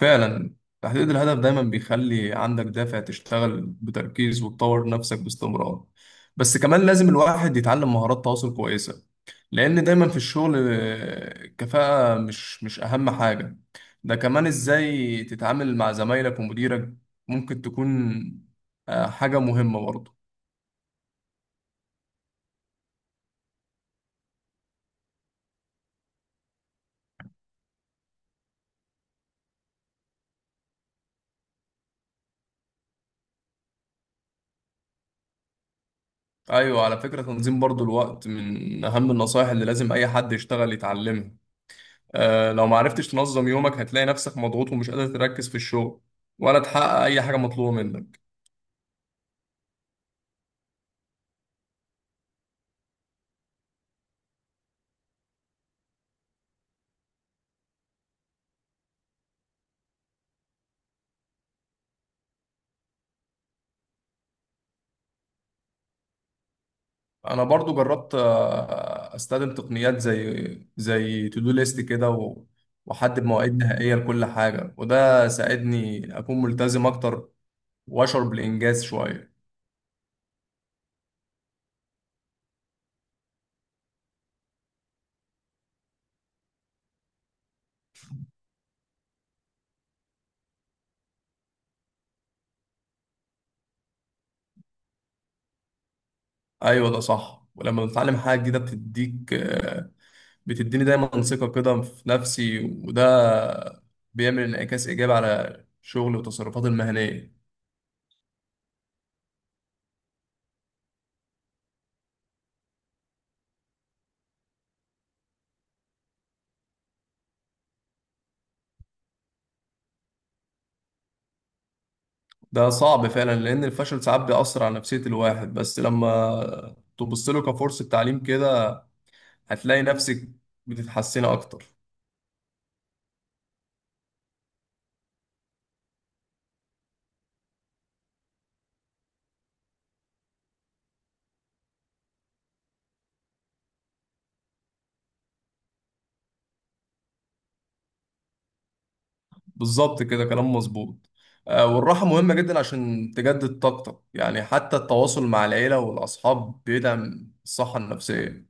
فعلا. تحديد الهدف دايما بيخلي عندك دافع تشتغل بتركيز وتطور نفسك باستمرار. بس كمان لازم الواحد يتعلم مهارات تواصل كويسة. لأن دايما في الشغل كفاءة مش أهم حاجة. ده كمان إزاي تتعامل مع زمايلك ومديرك ممكن تكون حاجة مهمة برضه. أيوة، على فكرة تنظيم برضه الوقت من أهم النصائح اللي لازم أي حد يشتغل يتعلمها. لو ما عرفتش تنظم يومك هتلاقي نفسك مضغوط ومش قادر تركز في الشغل ولا تحقق اي حاجه مطلوبه منك. انا برضو جربت استخدم تقنيات زي تو دو ليست كده واحدد مواعيد نهائيه لكل حاجه، وده ساعدني اكون ملتزم اكتر واشعر بالانجاز شويه. ايوه، ده صح، ولما بتتعلم حاجه جديده بتديك آه، بتديني دايما ثقه كده في نفسي، وده بيعمل انعكاس ايجابي على شغلي وتصرفاتي المهنيه. ده صعب فعلا لأن الفشل ساعات بيأثر على نفسية الواحد، بس لما تبص له كفرصة تعليم كده هتلاقي نفسك بتتحسني أكتر. بالظبط كده، كلام مظبوط. والراحة مهمة جدا عشان تجدد طاقتك، يعني حتى التواصل مع العيلة والأصحاب بيدعم الصحة النفسية.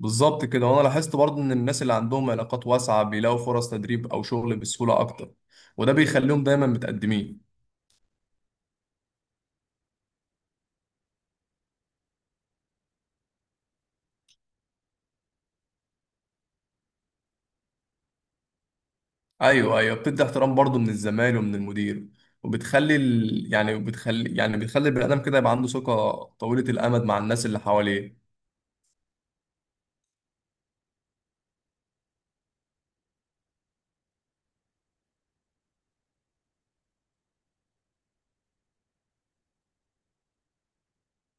بالظبط كده، وأنا لاحظت برضه إن الناس اللي عندهم علاقات واسعة بيلاقوا فرص تدريب أو شغل بسهولة أكتر، وده بيخليهم دايما متقدمين. ايوه ايوه، بتدي احترام برضه من الزمايل ومن المدير، وبتخلي ال... يعني بتخلي يعني بتخلي البني ادم كده يبقى عنده ثقه طويله الامد مع الناس اللي حواليه.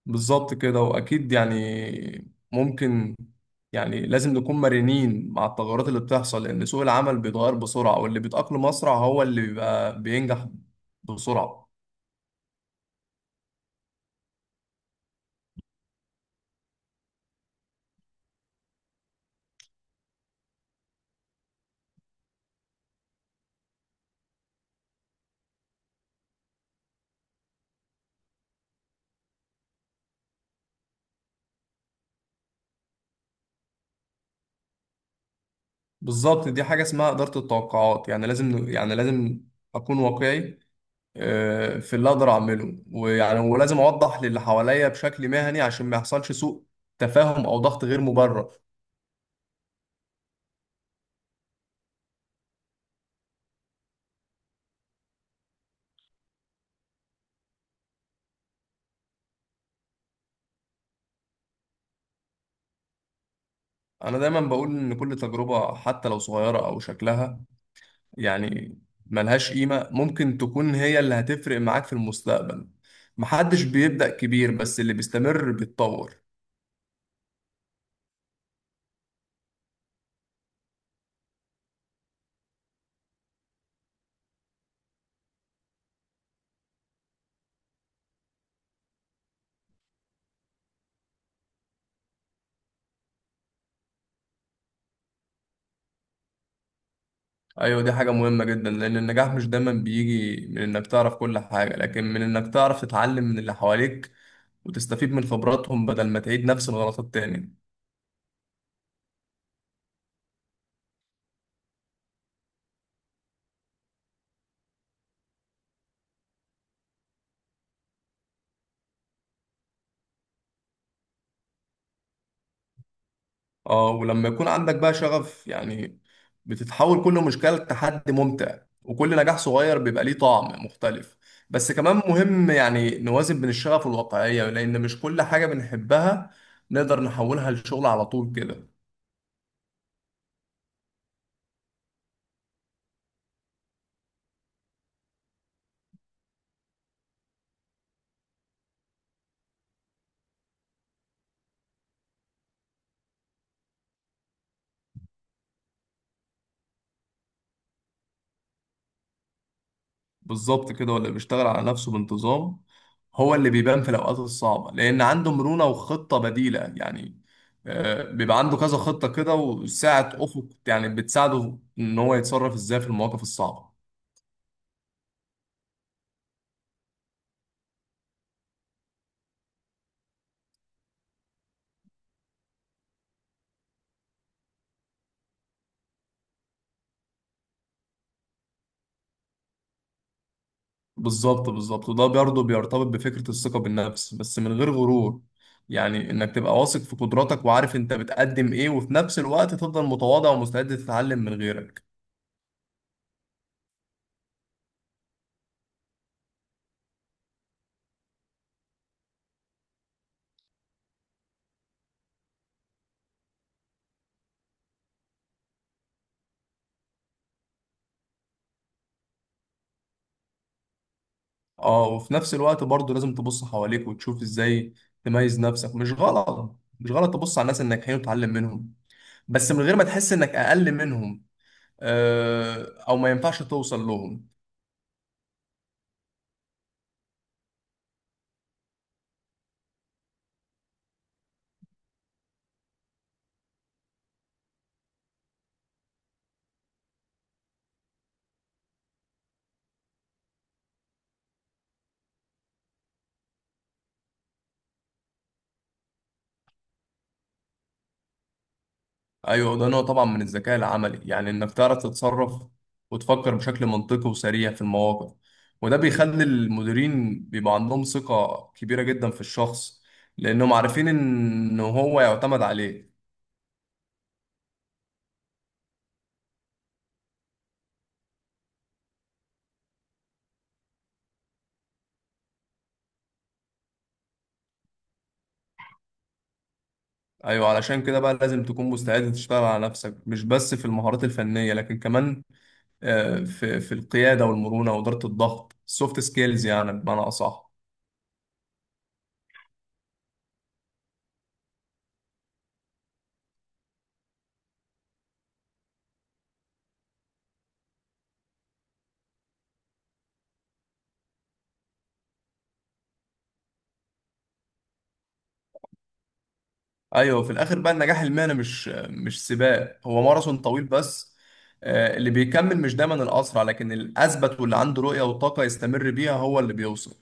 بالظبط كده، واكيد يعني ممكن، يعني لازم نكون مرنين مع التغيرات اللي بتحصل، لان سوق العمل بيتغير بسرعه واللي بيتاقلم اسرع هو اللي بيبقى بينجح بسرعه. بالظبط، دي حاجه اسمها اداره التوقعات، يعني لازم اكون واقعي في اللي اقدر اعمله، ويعني ولازم اوضح للي حواليا بشكل مهني عشان ما يحصلش سوء تفاهم او ضغط غير مبرر. انا دايما بقول ان كل تجربة حتى لو صغيرة او شكلها يعني ملهاش قيمة ممكن تكون هي اللي هتفرق معاك في المستقبل. محدش بيبدأ كبير، بس اللي بيستمر بيتطور. ايوه، دي حاجة مهمة جدا لان النجاح مش دايما بيجي من انك تعرف كل حاجة، لكن من انك تعرف تتعلم من اللي حواليك وتستفيد من خبراتهم بدل ما تعيد نفس الغلطات تاني. اه، ولما يكون عندك بقى شغف، يعني بتتحول كل مشكلة لتحدي ممتع، وكل نجاح صغير بيبقى ليه طعم مختلف. بس كمان مهم يعني نوازن بين الشغف والواقعية، لأن مش كل حاجة بنحبها نقدر نحولها لشغل على طول كده. بالظبط كده، واللي بيشتغل على نفسه بانتظام هو اللي بيبان في الأوقات الصعبة، لأن عنده مرونة وخطة بديلة. يعني بيبقى عنده كذا خطة كده وساعة أفق، يعني بتساعده إن هو يتصرف إزاي في المواقف الصعبة. بالظبط بالظبط، وده برضه بيرتبط بفكرة الثقة بالنفس بس من غير غرور. يعني انك تبقى واثق في قدراتك وعارف انت بتقدم ايه، وفي نفس الوقت تفضل متواضع ومستعد تتعلم من غيرك. اه، وفي نفس الوقت برضه لازم تبص حواليك وتشوف ازاي تميز نفسك. مش غلط تبص على الناس الناجحين وتتعلم منهم، بس من غير ما تحس انك اقل منهم او ما ينفعش توصل لهم. ايوه، ده نوع طبعا من الذكاء العملي، يعني انك تعرف تتصرف وتفكر بشكل منطقي وسريع في المواقف، وده بيخلي المديرين بيبقى عندهم ثقة كبيرة جدا في الشخص لانهم عارفين ان هو يعتمد عليه. ايوه، علشان كده بقى لازم تكون مستعد تشتغل على نفسك، مش بس في المهارات الفنية لكن كمان في القيادة والمرونة وإدارة الضغط، السوفت سكيلز يعني بمعنى أصح. ايوه، في الاخر بقى النجاح المهني مش سباق، هو ماراثون طويل. بس اللي بيكمل مش دايما الاسرع، لكن الاثبت، واللي عنده رؤيه وطاقه يستمر بيها هو اللي بيوصل.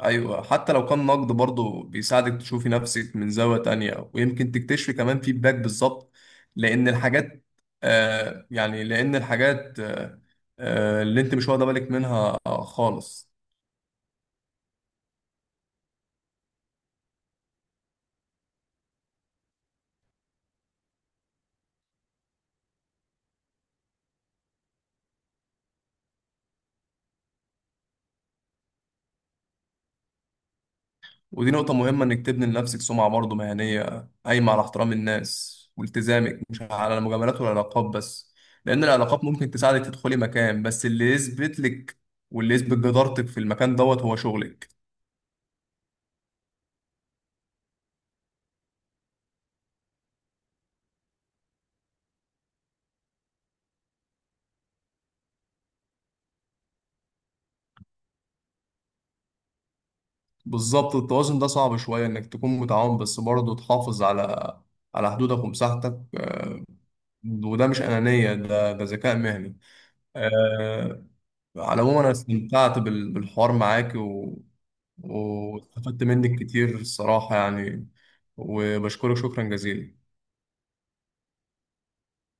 ايوه، حتى لو كان نقد برضه بيساعدك تشوفي نفسك من زاويه تانية، ويمكن تكتشفي كمان فيدباك بالظبط، لان الحاجات اللي انت مش واخده بالك منها خالص. ودي نقطة مهمة، إنك تبني لنفسك سمعة برضه مهنية قايمة على احترام الناس والتزامك، مش على المجاملات والعلاقات بس. لأن العلاقات ممكن تساعدك تدخلي مكان، بس اللي يثبت لك، واللي يثبت جدارتك في المكان دوت هو شغلك. بالظبط، التوازن ده صعب شوية، إنك تكون متعاون بس برضه تحافظ على على حدودك ومساحتك. وده مش أنانية، ده ذكاء مهني. آه، على العموم انا استمتعت بالحوار معاك واستفدت منك كتير الصراحة يعني، وبشكرك شكرا جزيلا.